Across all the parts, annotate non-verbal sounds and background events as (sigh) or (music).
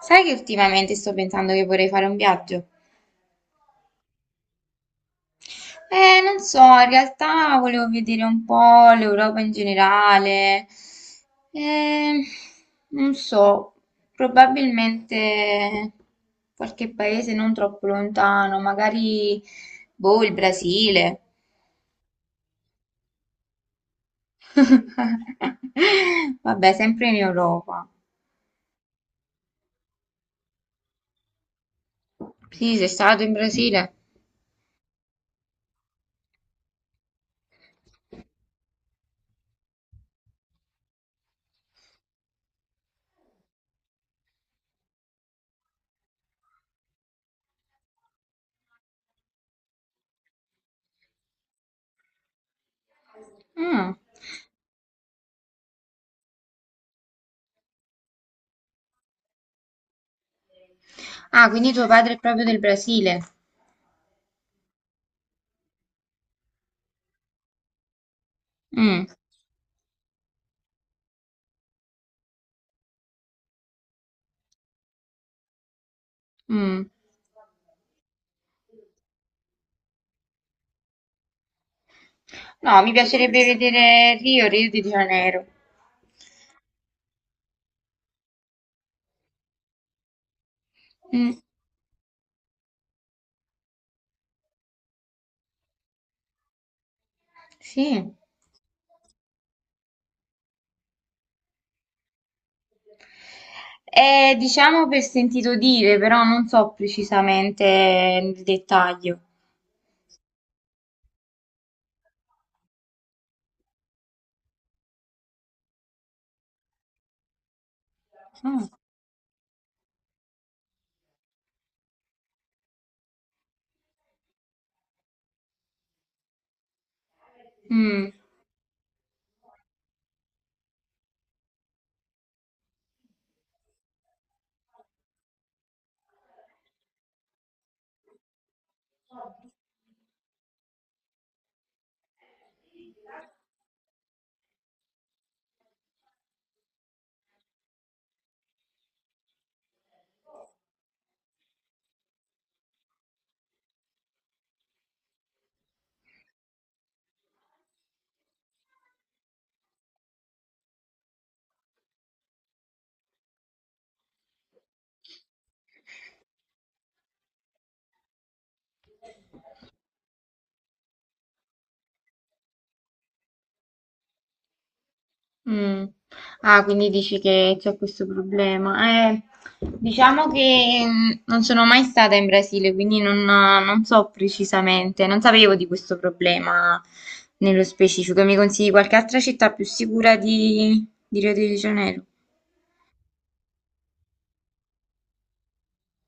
Sai che ultimamente sto pensando che vorrei fare un viaggio? Non so, in realtà volevo vedere un po' l'Europa in generale. Eh, Non so, probabilmente qualche paese non troppo lontano, magari, boh, il Brasile. (laughs) Vabbè, sempre in Europa. Sì, sei stato in Brasile. Mm. Ah, quindi tuo padre è proprio del Brasile. Mm, mm. No, mi piacerebbe vedere Rio, Rio de Janeiro. Mm, sì. Diciamo per sentito dire, però non so precisamente il dettaglio. Ah, mm. Mm. Ah, quindi dici che c'è questo problema. Diciamo che mm, non sono mai stata in Brasile, quindi non so precisamente, non sapevo di questo problema nello specifico. Mi consigli qualche altra città più sicura di Rio de Janeiro?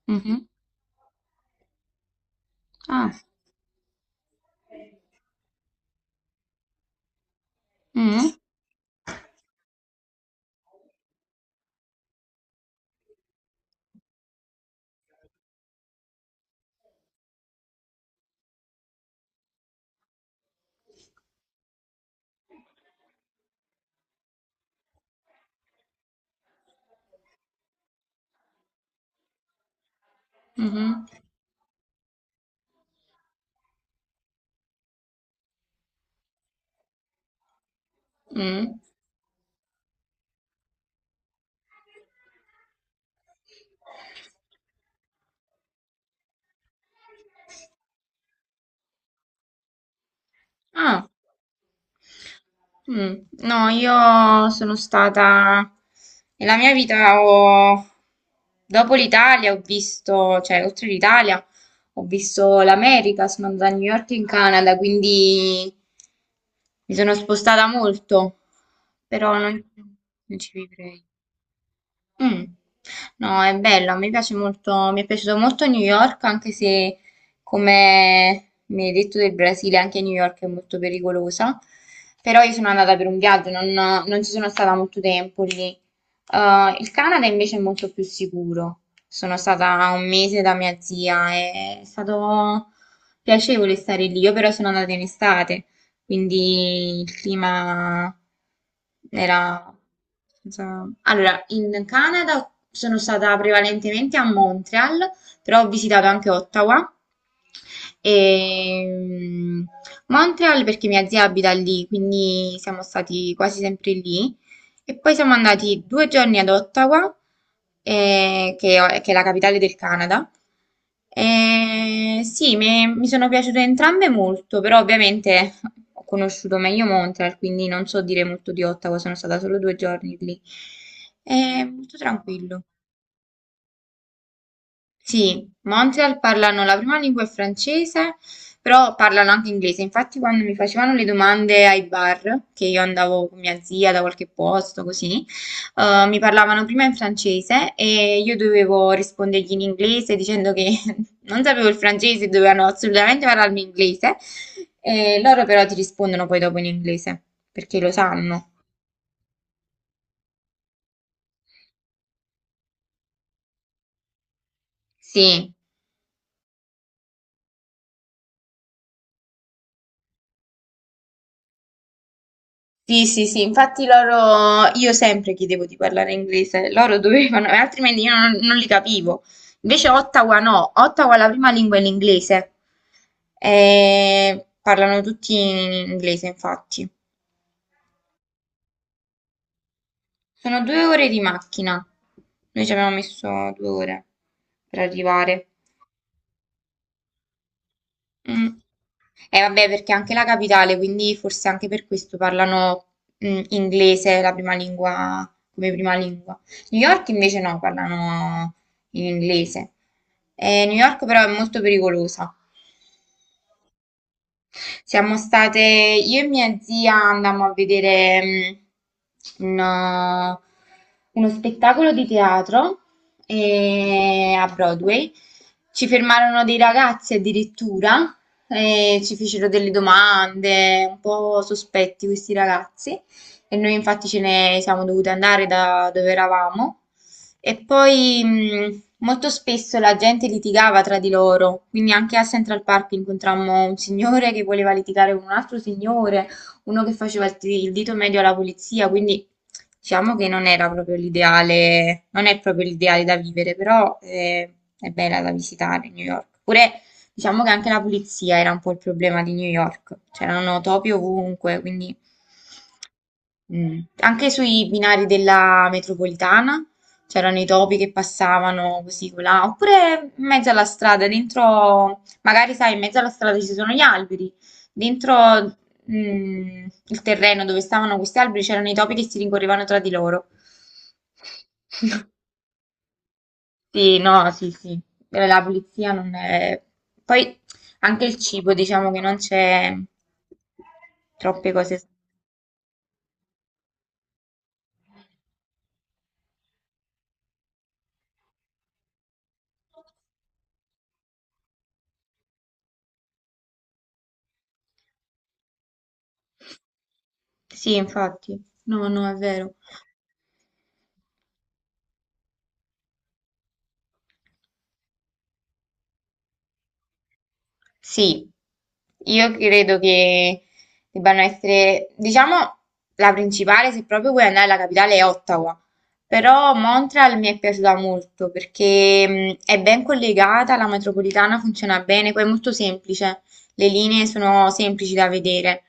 Mhm. Ah, mm, mhm, mm. Ah, mm. No, io sono stata nella mia vita ho dopo l'Italia ho visto, cioè oltre l'Italia ho visto l'America, sono andata a New York in Canada, quindi mi sono spostata molto, però non, non ci vivrei. Mm. No, è bello, a me piace molto, mi è piaciuto molto New York, anche se come mi hai detto del Brasile, anche New York è molto pericolosa. Però io sono andata per un viaggio, non, non ci sono stata molto tempo lì. Il Canada invece è molto più sicuro. Sono stata un mese da mia zia, è stato piacevole stare lì. Io però sono andata in estate quindi il clima era senza- Allora, in Canada sono stata prevalentemente a Montreal, però ho visitato anche Ottawa. E mm, Montreal perché mia zia abita lì, quindi siamo stati quasi sempre lì. E poi siamo andati due giorni ad Ottawa, che è la capitale del Canada. E sì, mi sono piaciute entrambe molto, però ovviamente (laughs) ho conosciuto meglio Montreal, quindi non so dire molto di Ottawa, sono stata solo due giorni lì. È molto tranquillo. Sì, Montreal parlano la prima lingua è francese, però parlano anche inglese. Infatti, quando mi facevano le domande ai bar, che io andavo con mia zia da qualche posto, così, mi parlavano prima in francese e io dovevo rispondergli in inglese dicendo che (laughs) non sapevo il francese, dovevano assolutamente parlarmi inglese. E loro però ti rispondono poi dopo in inglese, perché lo sanno. Sì. Sì, sì, sì, infatti loro, io sempre chiedevo di parlare inglese, loro dovevano, e altrimenti io non li capivo. Invece Ottawa no, Ottawa la prima lingua è l'inglese, e parlano tutti in inglese, infatti. Sono due ore di macchina, noi ci abbiamo messo due ore per arrivare. Mm. Vabbè, perché è anche la capitale, quindi forse anche per questo parlano mm, inglese la prima lingua, come prima lingua. New York invece no, parlano in inglese. New York però è molto pericolosa. Siamo state, io e mia zia andammo a vedere mm, un- uno spettacolo di teatro a Broadway. Ci fermarono dei ragazzi addirittura e ci fecero delle domande, un po' sospetti questi ragazzi. E noi infatti ce ne siamo dovute andare da dove eravamo. E poi, molto spesso la gente litigava tra di loro, quindi anche a Central Park incontrammo un signore che voleva litigare con un altro signore, uno che faceva il, ti- il dito medio alla polizia, quindi diciamo che non era proprio l'ideale, non è proprio l'ideale da vivere, però è bella da visitare New York. Pure diciamo che anche la polizia era un po' il problema di New York, c'erano topi ovunque, quindi mm. Anche sui binari della metropolitana c'erano i topi che passavano così colà, oppure in mezzo alla strada, dentro, magari sai, in mezzo alla strada ci sono gli alberi, dentro mm, il terreno dove stavano questi alberi c'erano i topi che si rincorrevano tra di loro. Sì, no, sì, sì. La pulizia non è... Poi anche il cibo, diciamo che non c'è troppe cose. Sì, infatti, no, no, è vero. Sì, io credo che debbano essere, diciamo, la principale, se proprio vuoi andare alla capitale, è Ottawa. Però Montreal mi è piaciuta molto perché è ben collegata, la metropolitana funziona bene, poi è molto semplice, le linee sono semplici da vedere.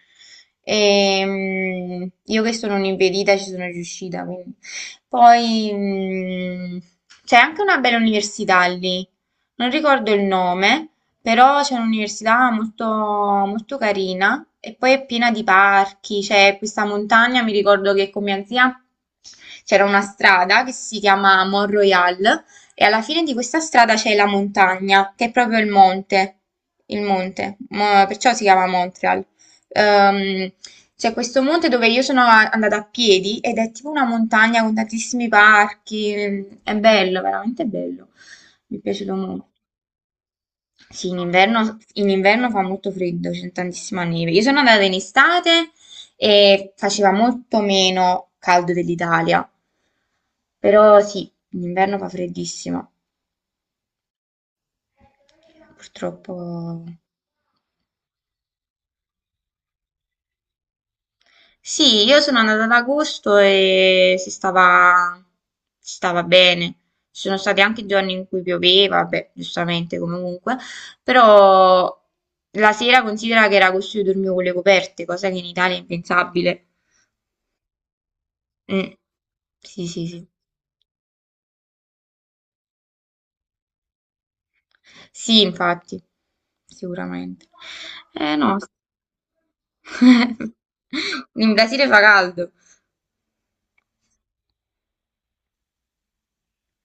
E, io che sono un'impedita ci sono riuscita, quindi. Poi c'è anche una bella università lì, non ricordo il nome. Però c'è un'università molto, molto carina e poi è piena di parchi, c'è questa montagna, mi ricordo che con mia zia c'era una strada che si chiama Mont Royal e alla fine di questa strada c'è la montagna, che è proprio il monte, perciò si chiama Montreal. Ehm, c'è questo monte dove io sono andata a piedi ed è tipo una montagna con tantissimi parchi, è bello, veramente bello, mi è piaciuto molto. Sì, in inverno fa molto freddo, c'è tantissima neve. Io sono andata in estate e faceva molto meno caldo dell'Italia, però sì, in inverno fa freddissimo, purtroppo. Sì, io sono andata ad agosto e si stava bene. Ci sono stati anche giorni in cui pioveva, beh, giustamente comunque, però la sera considera che era agosto io dormivo con le coperte, cosa che in Italia è impensabile. Mh. Sì, sì, sì. Sì, infatti, sicuramente. Eh no, (laughs) s in Brasile fa caldo.